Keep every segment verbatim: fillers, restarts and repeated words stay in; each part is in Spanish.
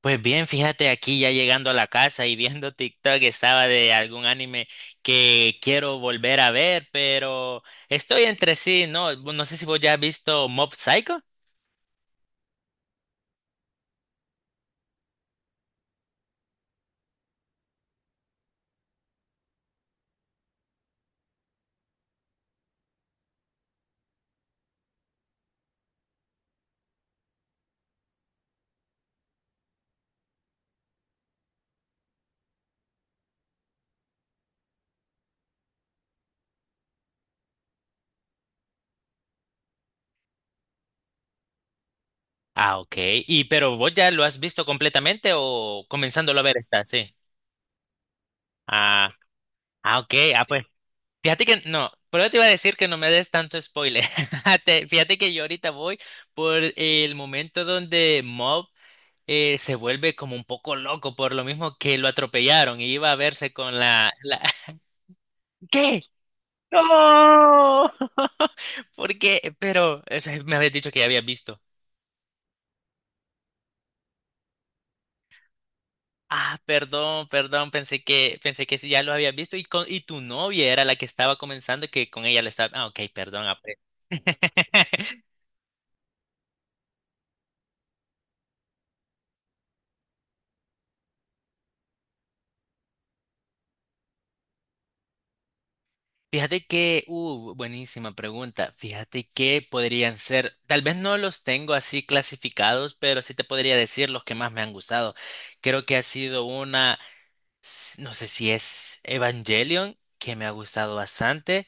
Pues bien, fíjate, aquí ya llegando a la casa y viendo TikTok estaba de algún anime que quiero volver a ver, pero estoy entre sí, no, no sé si vos ya has visto Mob Psycho. Ah, ok. Y pero vos ya lo has visto completamente o comenzándolo a ver está, sí. Ah, ah, ok. Ah, pues fíjate que no, pero yo te iba a decir que no me des tanto spoiler. Te- Fíjate que yo ahorita voy por el momento donde Mob eh, se vuelve como un poco loco por lo mismo que lo atropellaron y iba a verse con la, la... ¿Qué? ¡No! Porque, pero, o sea, me habías dicho que ya había visto. Ah, perdón, perdón, pensé que, pensé que sí, ya lo había visto y, con, y tu novia era la que estaba comenzando que con ella le estaba... Ah, ok, perdón, apre. Fíjate que, uh, buenísima pregunta. Fíjate que podrían ser, tal vez no los tengo así clasificados, pero sí te podría decir los que más me han gustado. Creo que ha sido una, s- no sé si es Evangelion, que me ha gustado bastante.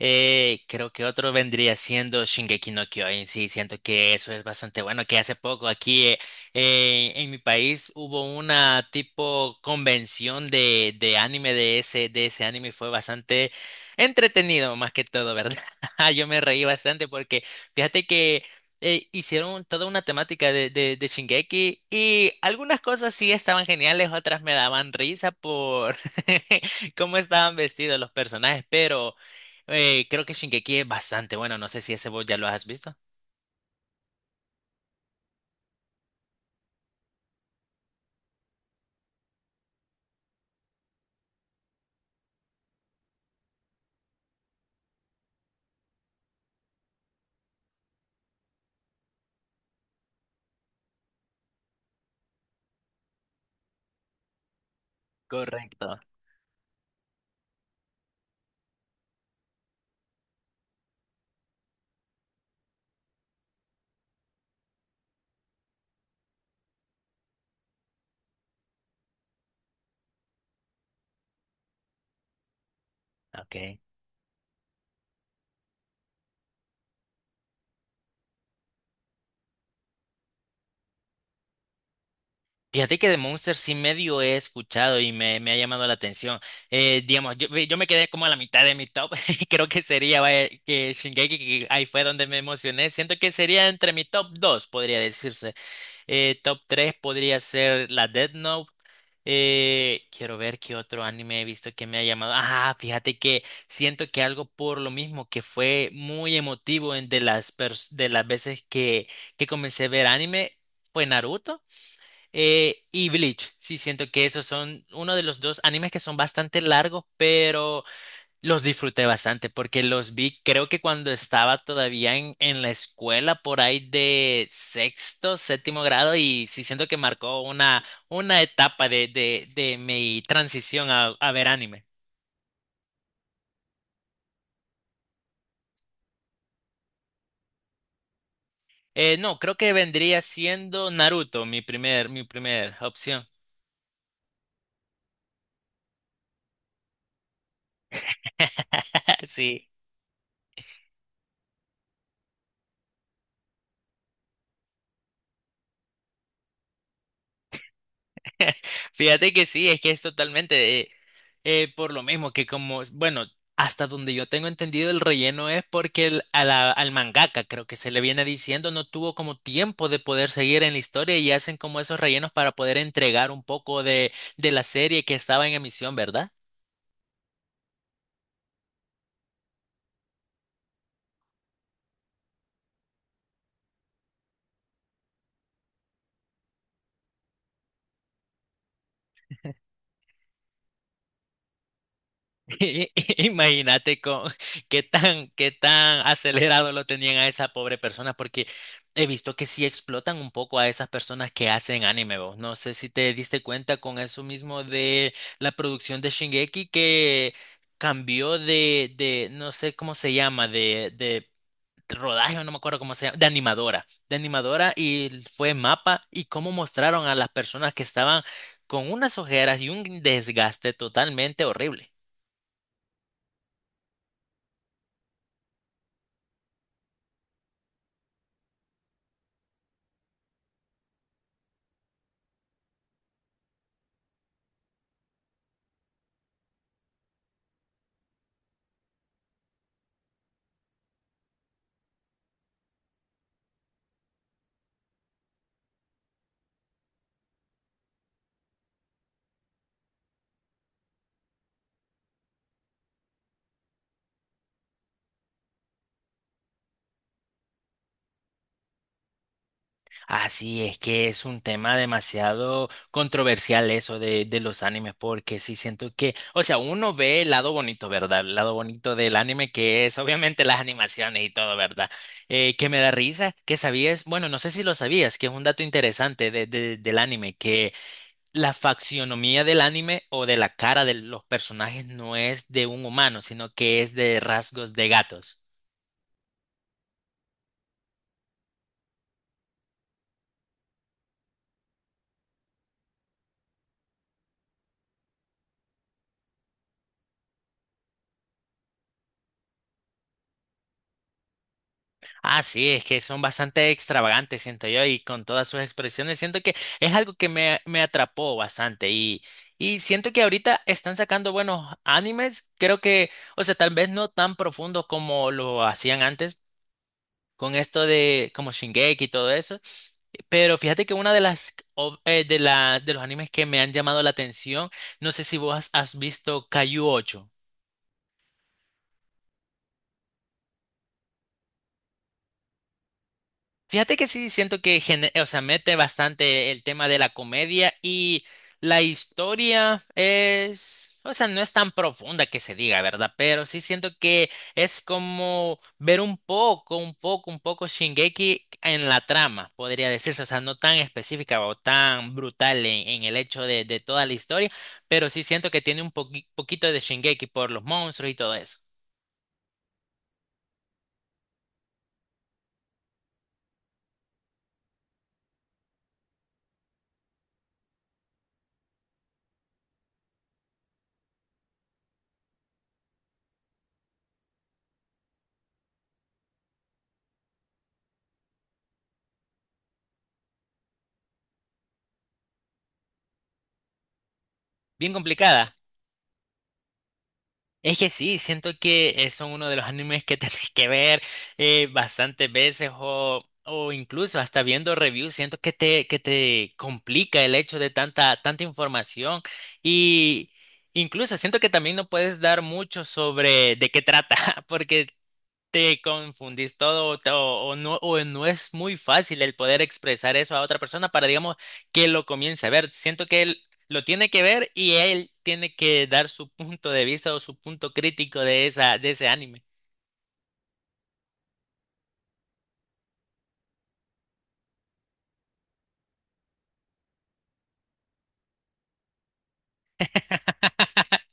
Eh, creo que otro vendría siendo Shingeki no Kyojin. Sí, siento que eso es bastante bueno. Que hace poco aquí eh, eh, en mi país hubo una tipo convención de, de anime de ese, de ese anime y fue bastante entretenido, más que todo, ¿verdad? Yo me reí bastante porque fíjate que eh, hicieron toda una temática de, de, de Shingeki y algunas cosas sí estaban geniales, otras me daban risa por cómo estaban vestidos los personajes, pero. Eh, creo que Shingeki es bastante bueno. No sé si ese vos ya lo has visto. Correcto. Ok. Fíjate que de Monster sí medio he escuchado y me, me ha llamado la atención. Eh, digamos, yo, yo me quedé como a la mitad de mi top. Creo que sería vaya, que Shingeki, que ahí fue donde me emocioné. Siento que sería entre mi top dos podría decirse. Eh, top tres podría ser la Death Note. Eh, quiero ver qué otro anime he visto que me ha llamado. Ah, fíjate que siento que algo por lo mismo que fue muy emotivo en de las pers- de las veces que, que comencé a ver anime fue Naruto eh, y Bleach. Sí, siento que esos son uno de los dos animes que son bastante largos, pero los disfruté bastante porque los vi, creo que cuando estaba todavía en, en la escuela, por ahí de sexto, séptimo grado, y sí siento que marcó una, una etapa de, de, de mi transición a, a ver anime. Eh, no, creo que vendría siendo Naruto mi primer, mi primer opción. Sí. Fíjate que sí, es que es totalmente eh, eh, por lo mismo que como, bueno, hasta donde yo tengo entendido el relleno es porque el- a la- al mangaka, creo que se le viene diciendo, no tuvo como tiempo de poder seguir en la historia y hacen como esos rellenos para poder entregar un poco de, de la serie que estaba en emisión, ¿verdad? Imagínate con qué tan, qué tan acelerado lo tenían a esa pobre persona, porque he visto que sí explotan un poco a esas personas que hacen anime, vos. No sé si te diste cuenta con eso mismo de la producción de Shingeki que cambió de, de, no sé cómo se llama, de, de rodaje, o no me acuerdo cómo se llama, de animadora, de animadora y fue mapa y cómo mostraron a las personas que estaban con unas ojeras y un desgaste totalmente horrible. Así es que es un tema demasiado controversial eso de, de los animes, porque sí siento que, o sea, uno ve el lado bonito, ¿verdad? El lado bonito del anime, que es obviamente las animaciones y todo, ¿verdad? Eh, que me da risa, que sabías, bueno, no sé si lo sabías, que es un dato interesante de- de- del anime, que la faccionomía del anime o de la cara de los personajes no es de un humano, sino que es de rasgos de gatos. Ah, sí, es que son bastante extravagantes, siento yo, y con todas sus expresiones, siento que es algo que me, me atrapó bastante y, y siento que ahorita están sacando buenos animes, creo que, o sea, tal vez no tan profundos como lo hacían antes con esto de como Shingeki y todo eso, pero fíjate que una de las ov- eh, de la, de los animes que me han llamado la atención, no sé si vos has, has visto Kaiju ocho. Fíjate que sí siento que gene- o sea, mete bastante el tema de la comedia y la historia es, o sea, no es tan profunda que se diga, ¿verdad? Pero sí siento que es como ver un poco, un poco, un poco Shingeki en la trama, podría decirse, o sea, no tan específica o tan brutal en, en el hecho de, de toda la historia, pero sí siento que tiene un poqui- poquito de Shingeki por los monstruos y todo eso. Bien complicada. Es que sí, siento que eh, son uno de los animes que tenés que ver eh, bastantes veces o, o incluso hasta viendo reviews, siento que te, que te complica el hecho de tanta, tanta información y incluso siento que también no puedes dar mucho sobre de qué trata, porque te confundís todo o, te- o- o no, o no es muy fácil el poder expresar eso a otra persona para, digamos, que lo comience a ver. Siento que él lo tiene que ver y él tiene que dar su punto de vista o su punto crítico de esa, de ese anime.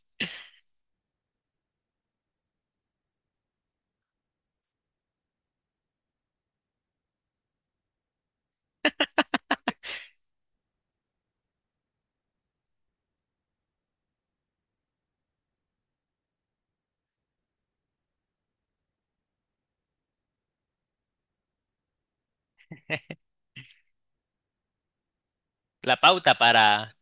La pauta para...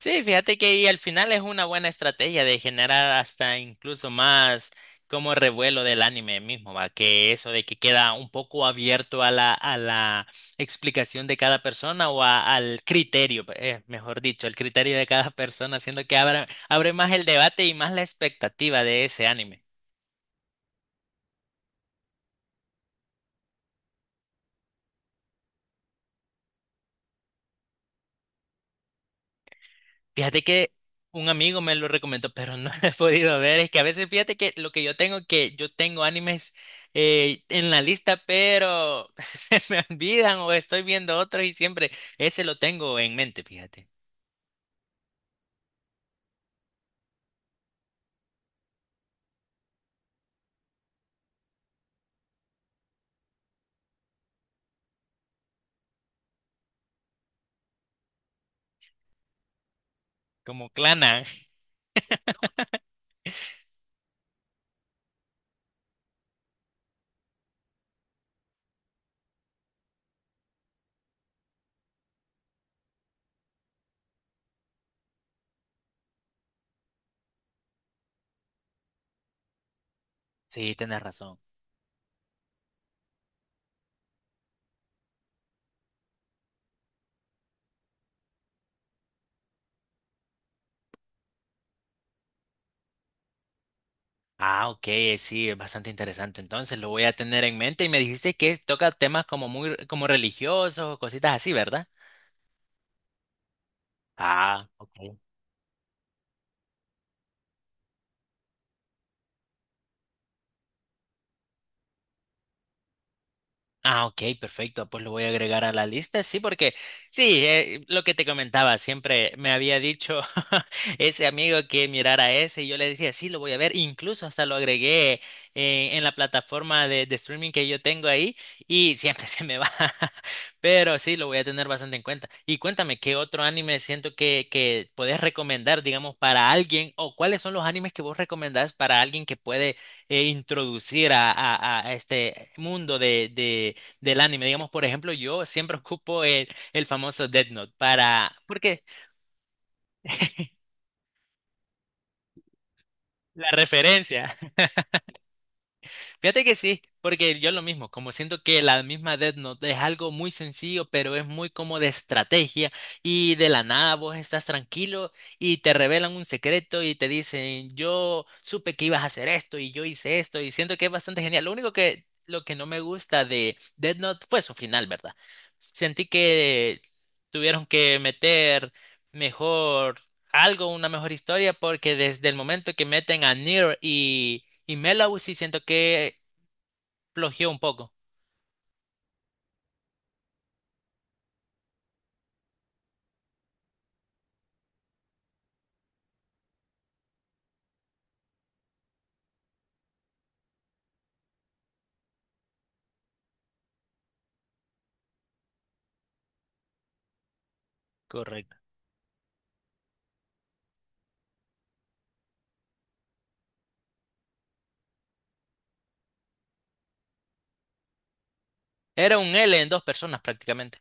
Sí, fíjate que ahí al final es una buena estrategia de generar hasta incluso más como revuelo del anime mismo, va, que eso de que queda un poco abierto a la, a la explicación de cada persona o a- al criterio, eh, mejor dicho, el criterio de cada persona, haciendo que abra, abre más el debate y más la expectativa de ese anime. Fíjate que un amigo me lo recomendó, pero no he podido ver. Es que a veces fíjate que lo que yo tengo, que yo tengo animes eh, en la lista, pero se me olvidan o estoy viendo otro y siempre ese lo tengo en mente, fíjate. Como Clana. Sí, tienes razón. Ah, ok, eh, sí, es bastante interesante. Entonces lo voy a tener en mente y me dijiste que toca temas como muy como religiosos, o cositas así, ¿verdad? Ah, ok. Ah, ok, perfecto. Pues lo voy a agregar a la lista. Sí, porque sí, eh, lo que te comentaba, siempre me había dicho ese amigo que mirara ese y yo le decía, sí, lo voy a ver. Incluso hasta lo agregué eh, en la plataforma de, de streaming que yo tengo ahí y siempre se me va. Pero sí, lo voy a tener bastante en cuenta. Y cuéntame, ¿qué otro anime siento que, que podés recomendar, digamos, para alguien o cuáles son los animes que vos recomendás para alguien que puede eh, introducir a, a, a este mundo de, de del anime. Digamos, por ejemplo, yo siempre ocupo el, el famoso Death Note para... ¿Por qué? La referencia. Fíjate que sí, porque yo lo mismo, como siento que la misma Death Note es algo muy sencillo, pero es muy como de estrategia y de la nada vos estás tranquilo y te revelan un secreto y te dicen, yo supe que ibas a hacer esto y yo hice esto y siento que es bastante genial. Lo único que, lo que no me gusta de Death Note fue su final, ¿verdad? Sentí que tuvieron que meter mejor algo, una mejor historia, porque desde el momento que meten a Nier y y Melau sí siento que flojeó un poco. Correcto. Era un L en dos personas prácticamente.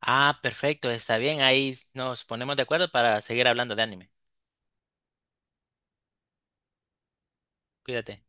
Ah, perfecto, está bien. Ahí nos ponemos de acuerdo para seguir hablando de anime. Cuídate.